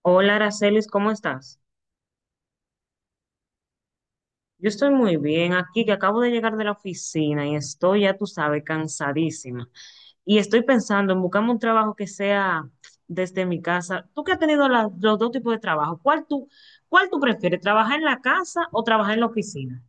Hola, Aracelis, ¿cómo estás? Yo estoy muy bien aquí, que acabo de llegar de la oficina y estoy, ya tú sabes, cansadísima. Y estoy pensando en buscarme un trabajo que sea desde mi casa. Tú que has tenido los dos tipos de trabajo, ¿cuál tú prefieres, trabajar en la casa o trabajar en la oficina?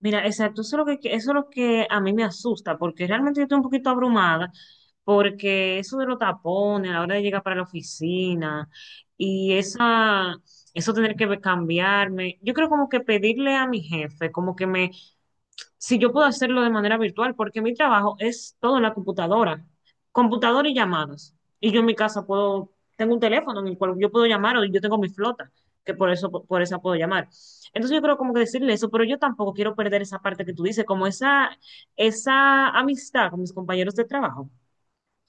Mira, exacto, eso es lo que, eso es lo que a mí me asusta, porque realmente yo estoy un poquito abrumada, porque eso de los tapones a la hora de llegar para la oficina y esa, eso tener que cambiarme, yo creo como que pedirle a mi jefe, como que me, si yo puedo hacerlo de manera virtual, porque mi trabajo es todo en la computadora y llamadas. Y yo en mi casa puedo, tengo un teléfono en el cual yo puedo llamar o yo tengo mi flota, que por eso, por esa puedo llamar. Entonces yo creo como que decirle eso, pero yo tampoco quiero perder esa parte que tú dices, como esa amistad con mis compañeros de trabajo.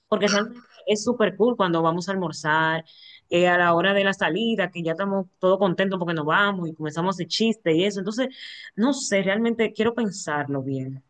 Porque realmente es súper cool cuando vamos a almorzar, a la hora de la salida, que ya estamos todos contentos porque nos vamos y comenzamos el chiste y eso. Entonces, no sé, realmente quiero pensarlo bien.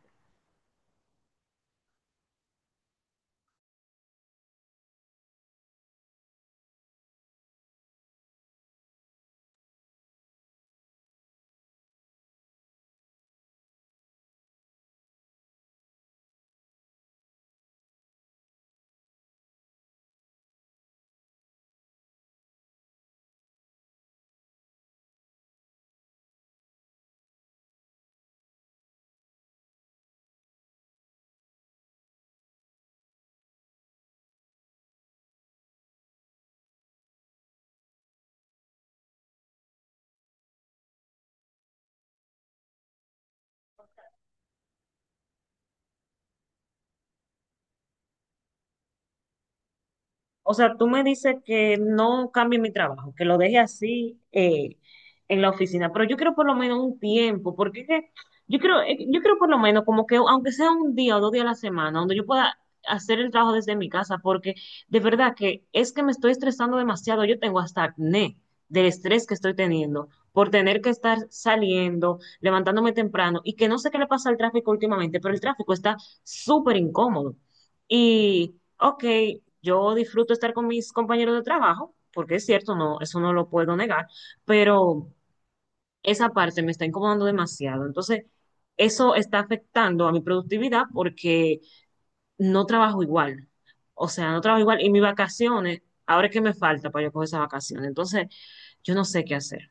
O sea, tú me dices que no cambie mi trabajo, que lo deje así en la oficina, pero yo quiero por lo menos un tiempo, porque es que yo quiero por lo menos como que aunque sea un día o 2 días a la semana, donde yo pueda hacer el trabajo desde mi casa, porque de verdad que es que me estoy estresando demasiado, yo tengo hasta acné del estrés que estoy teniendo por tener que estar saliendo, levantándome temprano y que no sé qué le pasa al tráfico últimamente, pero el tráfico está súper incómodo. Y, ok, yo disfruto estar con mis compañeros de trabajo, porque es cierto, no, eso no lo puedo negar, pero esa parte me está incomodando demasiado. Entonces, eso está afectando a mi productividad porque no trabajo igual. O sea, no trabajo igual. Y mis vacaciones, ahora es que me falta para yo coger esas vacaciones. Entonces, yo no sé qué hacer.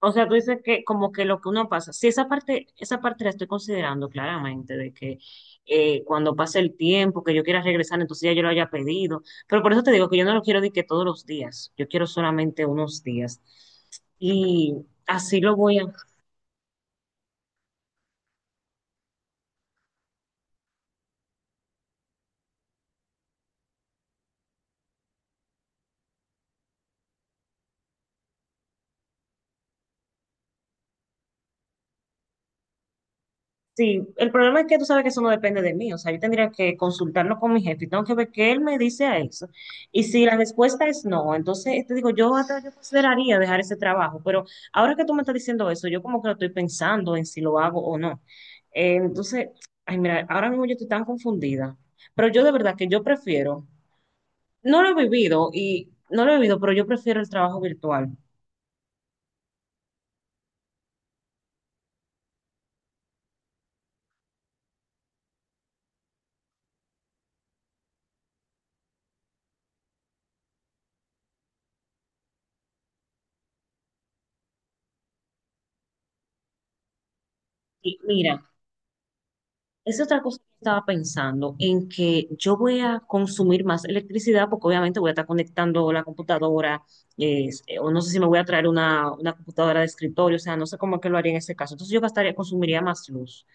O sea, tú dices que como que lo que uno pasa, sí, esa parte la estoy considerando claramente, de que cuando pase el tiempo, que yo quiera regresar, entonces ya yo lo haya pedido, pero por eso te digo que yo no lo quiero de que todos los días, yo quiero solamente unos días. Y así lo voy a, Sí, el problema es que tú sabes que eso no depende de mí, o sea, yo tendría que consultarlo con mi jefe y tengo que ver qué él me dice a eso. Y si la respuesta es no, entonces te digo, yo hasta yo consideraría dejar ese trabajo, pero ahora que tú me estás diciendo eso, yo como que lo estoy pensando en si lo hago o no. Entonces, ay, mira, ahora mismo yo estoy tan confundida, pero yo de verdad que yo prefiero, no lo he vivido y no lo he vivido, pero yo prefiero el trabajo virtual. Y mira, es otra cosa que estaba pensando, en que yo voy a consumir más electricidad porque obviamente voy a estar conectando la computadora, eh, o no sé si me voy a traer una computadora de escritorio, o sea, no sé cómo es que lo haría en ese caso. Entonces yo gastaría, consumiría más luz.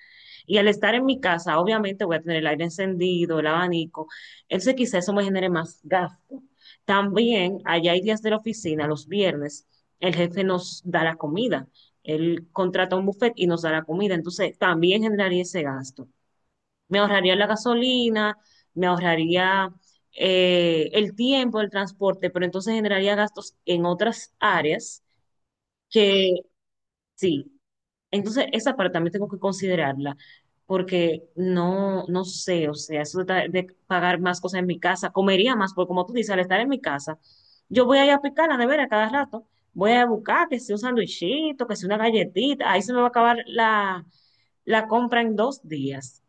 Y al estar en mi casa, obviamente voy a tener el aire encendido, el abanico, entonces quizá eso me genere más gasto. También, allá hay días de la oficina, los viernes, el jefe nos da la comida. Él contrata un buffet y nos da la comida, entonces también generaría ese gasto, me ahorraría la gasolina, me ahorraría el tiempo, el transporte, pero entonces generaría gastos en otras áreas que sí. Entonces, esa parte también tengo que considerarla, porque no, no sé, o sea, eso de, de pagar más cosas en mi casa, comería más, porque como tú dices, al estar en mi casa, yo voy a ir a picar la nevera cada rato, voy a buscar que si un sandwichito, que si una galletita, ahí se me va a acabar la, la compra en 2 días.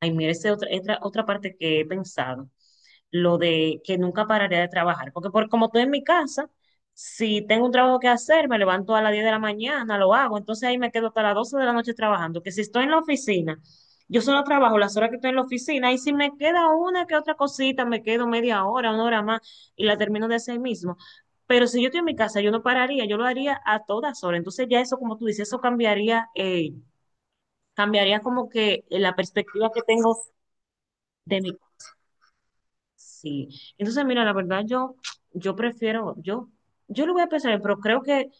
Ay, mira, esa es otra, otra, otra parte que he pensado, lo de que nunca pararé de trabajar, porque por, como estoy en mi casa, si tengo un trabajo que hacer, me levanto a las 10 de la mañana, lo hago, entonces ahí me quedo hasta las 12 de la noche trabajando, que si estoy en la oficina, yo solo trabajo las horas que estoy en la oficina y si me queda una que otra cosita, me quedo media hora, una hora más y la termino de hacer mismo. Pero si yo estoy en mi casa, yo no pararía, yo lo haría a todas horas. Entonces ya eso, como tú dices, eso cambiaría, cambiaría como que la perspectiva que tengo de mi, sí. Entonces, mira, la verdad, yo prefiero, yo lo voy a pensar, pero creo que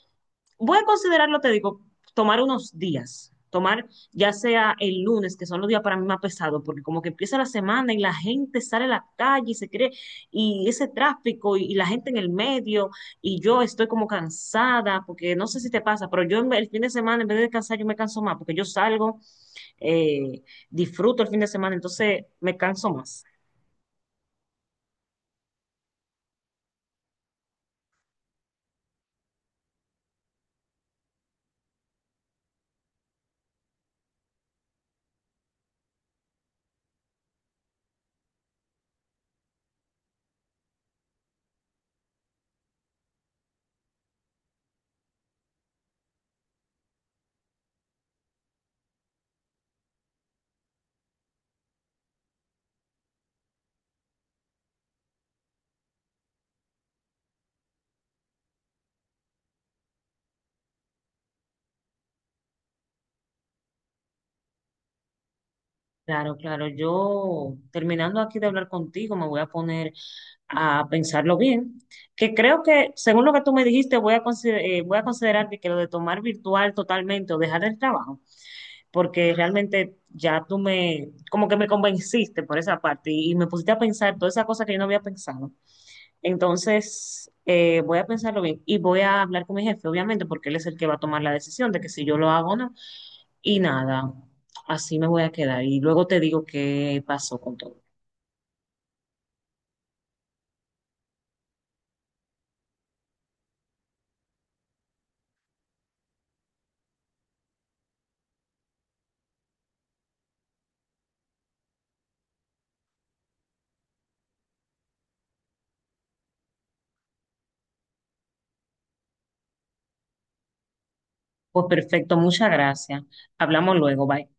voy a considerarlo, te digo, tomar unos días. Tomar ya sea el lunes, que son los días para mí más pesados, porque como que empieza la semana y la gente sale a la calle y se cree, y ese tráfico y la gente en el medio, y yo estoy como cansada, porque no sé si te pasa, pero yo el fin de semana, en vez de descansar, yo me canso más, porque yo salgo, eh, disfruto el fin de semana, entonces me canso más. Claro, claro. Yo, terminando aquí de hablar contigo, me voy a poner a pensarlo bien, que creo que, según lo que tú me dijiste, voy a considerar que lo de tomar virtual totalmente o dejar el trabajo, porque realmente ya tú me, como que me convenciste por esa parte y me pusiste a pensar todas esas cosas que yo no había pensado. Entonces, voy a pensarlo bien y voy a hablar con mi jefe, obviamente, porque él es el que va a tomar la decisión de que si yo lo hago o no. Y nada, así me voy a quedar y luego te digo qué pasó con todo. Pues perfecto, muchas gracias. Hablamos luego, bye.